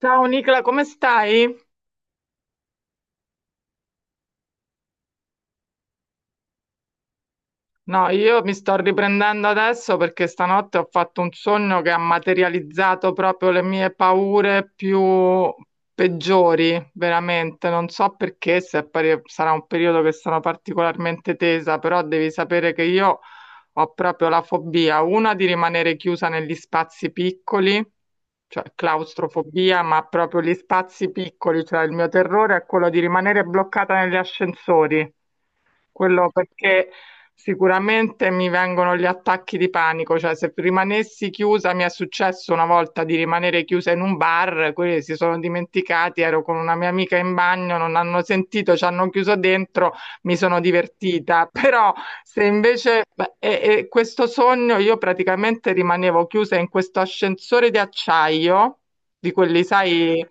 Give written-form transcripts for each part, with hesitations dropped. Ciao Nicola, come stai? No, io mi sto riprendendo adesso perché stanotte ho fatto un sogno che ha materializzato proprio le mie paure più peggiori, veramente. Non so perché, se è pari- sarà un periodo che sono particolarmente tesa, però devi sapere che io ho proprio la fobia, una di rimanere chiusa negli spazi piccoli, cioè claustrofobia, ma proprio gli spazi piccoli, cioè il mio terrore è quello di rimanere bloccata negli ascensori. Quello perché sicuramente mi vengono gli attacchi di panico, cioè se rimanessi chiusa, mi è successo una volta di rimanere chiusa in un bar, quelli si sono dimenticati, ero con una mia amica in bagno, non hanno sentito, ci hanno chiuso dentro, mi sono divertita, però se invece beh, e questo sogno io praticamente rimanevo chiusa in questo ascensore di acciaio, di quelli, sai,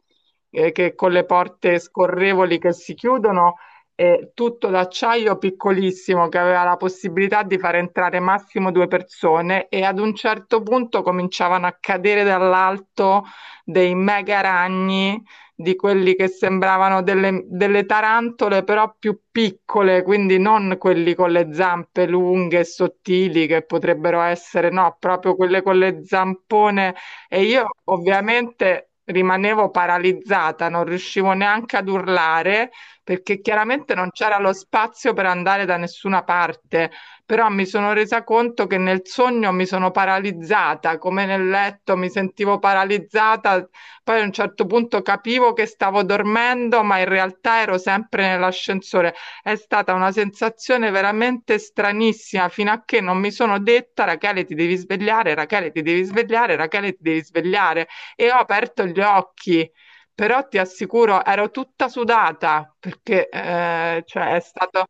che con le porte scorrevoli che si chiudono tutto d'acciaio piccolissimo che aveva la possibilità di far entrare massimo due persone e ad un certo punto cominciavano a cadere dall'alto dei mega ragni di quelli che sembravano delle tarantole però più piccole, quindi non quelli con le zampe lunghe e sottili che potrebbero essere, no, proprio quelle con le zampone e io ovviamente rimanevo paralizzata, non riuscivo neanche ad urlare perché chiaramente non c'era lo spazio per andare da nessuna parte, però mi sono resa conto che nel sogno mi sono paralizzata, come nel letto mi sentivo paralizzata, poi a un certo punto capivo che stavo dormendo, ma in realtà ero sempre nell'ascensore. È stata una sensazione veramente stranissima, fino a che non mi sono detta, Rachele, ti devi svegliare, Rachele, ti devi svegliare, Rachele, ti devi svegliare. E ho aperto gli occhi però ti assicuro, ero tutta sudata perché cioè, è stato.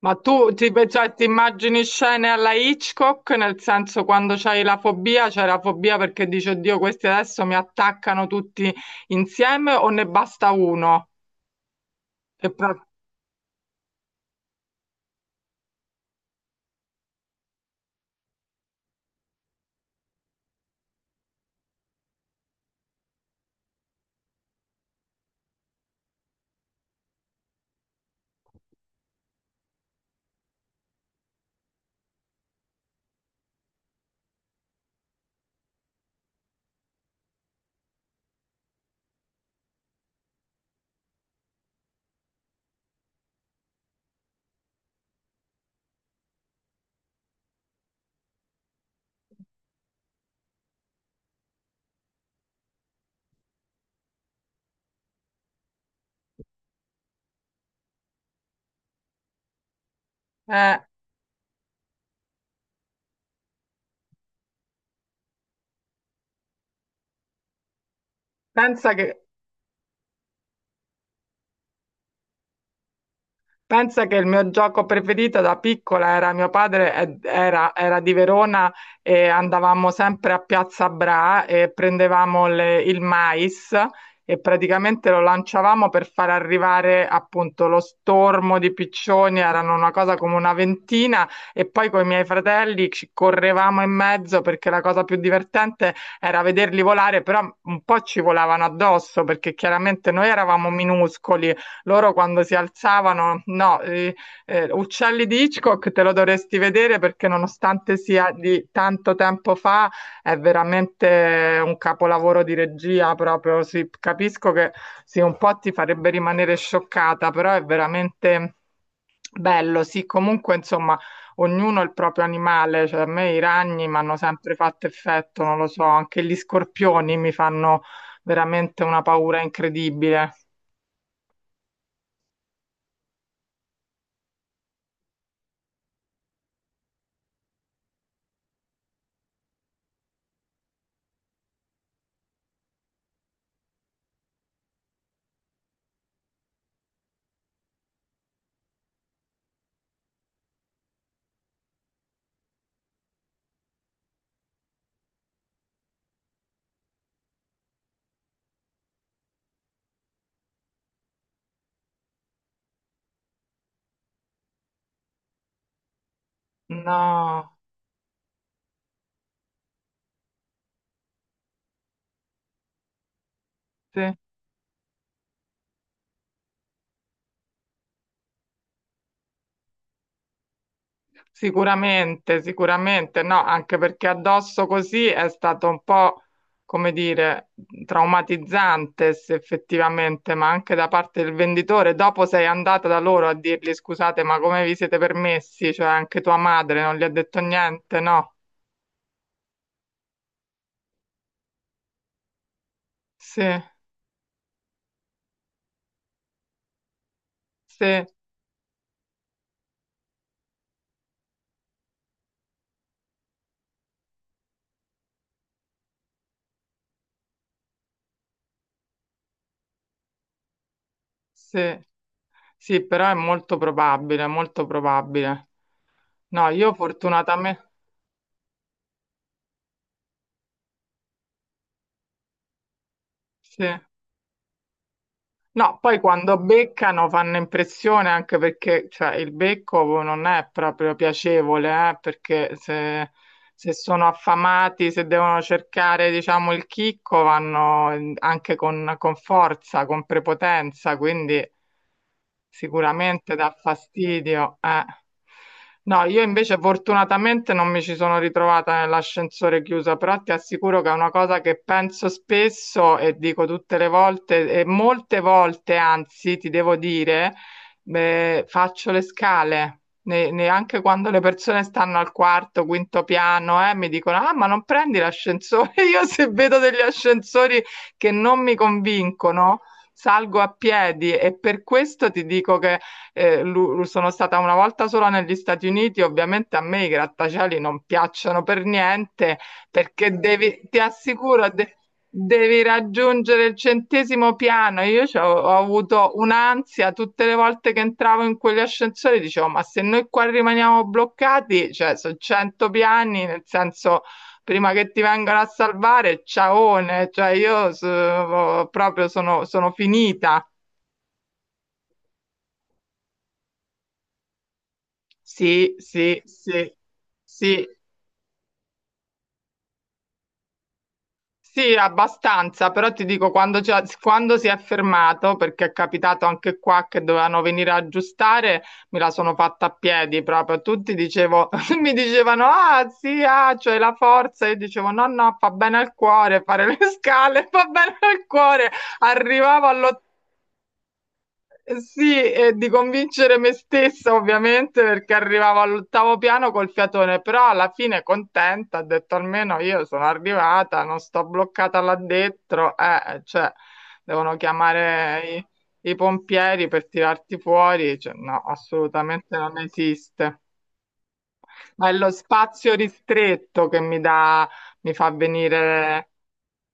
Ma tu ti, cioè, ti immagini scene alla Hitchcock, nel senso quando c'hai la fobia, c'è la fobia perché dici, oddio, questi adesso mi attaccano tutti insieme o ne basta uno? E pro- eh, pensa che. Pensa che il mio gioco preferito da piccola era mio padre era di Verona e andavamo sempre a Piazza Bra e prendevamo il mais e praticamente lo lanciavamo per far arrivare appunto lo stormo di piccioni, erano una cosa come una ventina e poi con i miei fratelli ci correvamo in mezzo perché la cosa più divertente era vederli volare, però un po' ci volavano addosso perché chiaramente noi eravamo minuscoli loro quando si alzavano, no, Uccelli di Hitchcock te lo dovresti vedere perché nonostante sia di tanto tempo fa, è veramente un capolavoro di regia proprio, sì, capisco che sì, un po' ti farebbe rimanere scioccata, però è veramente bello, sì, comunque insomma ognuno ha il proprio animale, cioè a me i ragni mi hanno sempre fatto effetto, non lo so, anche gli scorpioni mi fanno veramente una paura incredibile. No, sì. Sicuramente, sicuramente, no, anche perché addosso così è stato un po', come dire, traumatizzante se effettivamente, ma anche da parte del venditore. Dopo sei andata da loro a dirgli scusate, ma come vi siete permessi? Cioè anche tua madre non gli ha detto niente, no? Sì, sì, sì, sì, però è molto probabile, molto probabile. No, io fortunatamente, sì. No, poi quando beccano fanno impressione anche perché cioè, il becco non è proprio piacevole, perché se sono affamati, se devono cercare, diciamo, il chicco, vanno anche con, forza, con prepotenza, quindi sicuramente dà fastidio. Eh. No, io invece fortunatamente non mi ci sono ritrovata nell'ascensore chiuso, però ti assicuro che è una cosa che penso spesso e dico tutte le volte, e molte volte, anzi, ti devo dire, beh, faccio le scale. Neanche quando le persone stanno al quarto, quinto piano, mi dicono: Ah, ma non prendi l'ascensore? Io se vedo degli ascensori che non mi convincono, salgo a piedi e per questo ti dico che sono stata una volta sola negli Stati Uniti. Ovviamente a me i grattacieli non piacciono per niente perché devi, ti assicuro, devi raggiungere il centesimo piano. Io ho, avuto un'ansia tutte le volte che entravo in quegli ascensori, dicevo, ma se noi qua rimaniamo bloccati, cioè sono 100 piani, nel senso, prima che ti vengano a salvare, ciaone, cioè io proprio sono finita. Sì, sì, sì, sì. Sì, abbastanza, però ti dico, quando, quando si è fermato, perché è capitato anche qua che dovevano venire a aggiustare, me la sono fatta a piedi proprio. Tutti dicevo, mi dicevano, ah sì, ah, c'hai la forza. Io dicevo, no, no, fa bene al cuore fare le scale, fa bene al cuore. Arrivavo all'ottavo sì, e di convincere me stessa ovviamente perché arrivavo all'ottavo piano col fiatone, però alla fine contenta, ho detto almeno io sono arrivata, non sto bloccata là dentro, cioè devono chiamare i pompieri per tirarti fuori, cioè, no, assolutamente non esiste. Ma è lo spazio ristretto che mi dà, mi fa venire,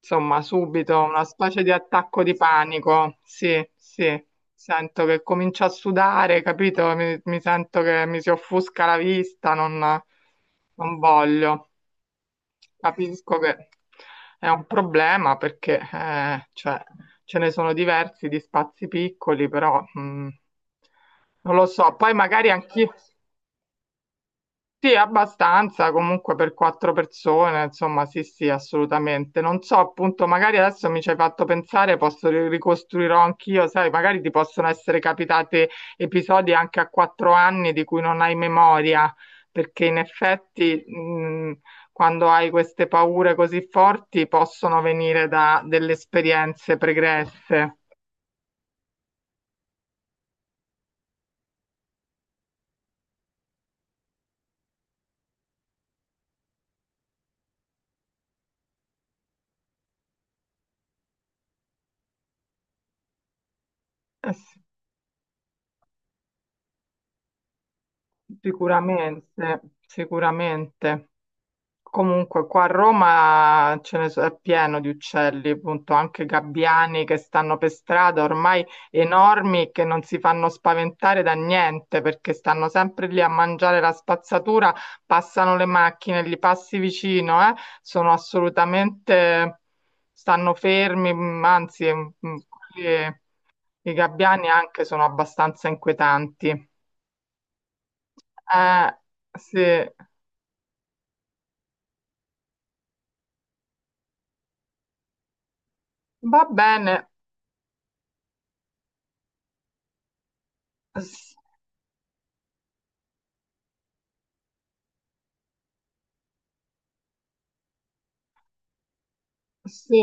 insomma, subito una specie di attacco di panico. Sì, sì, sento che comincio a sudare, capito? Mi sento che mi si offusca la vista, non voglio. Capisco che è un problema perché, cioè, ce ne sono diversi di spazi piccoli, però, non lo so. Poi magari anch'io. Sì, abbastanza, comunque per quattro persone, insomma, sì, sì, assolutamente. Non so, appunto, magari adesso mi ci hai fatto pensare, posso ricostruirò anch'io, sai, magari ti possono essere capitati episodi anche a 4 anni di cui non hai memoria, perché in effetti, quando hai queste paure così forti, possono venire da delle esperienze pregresse. Sì, sicuramente, sicuramente. Comunque, qua a Roma è pieno di uccelli, appunto, anche gabbiani che stanno per strada, ormai enormi, che non si fanno spaventare da niente perché stanno sempre lì a mangiare la spazzatura, passano le macchine, li passi vicino, sono assolutamente, stanno fermi, anzi, quelli- i gabbiani anche sono abbastanza inquietanti. Eh, sì, va bene. Sì,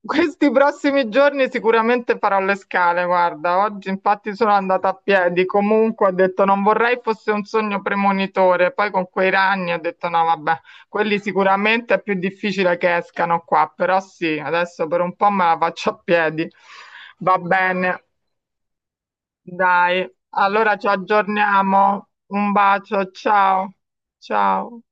questi prossimi giorni sicuramente farò le scale, guarda, oggi infatti sono andata a piedi, comunque ho detto non vorrei fosse un sogno premonitore, poi con quei ragni ho detto no, vabbè, quelli sicuramente è più difficile che escano qua, però sì, adesso per un po' me la faccio a piedi. Va bene, dai, allora ci aggiorniamo, un bacio, ciao, ciao.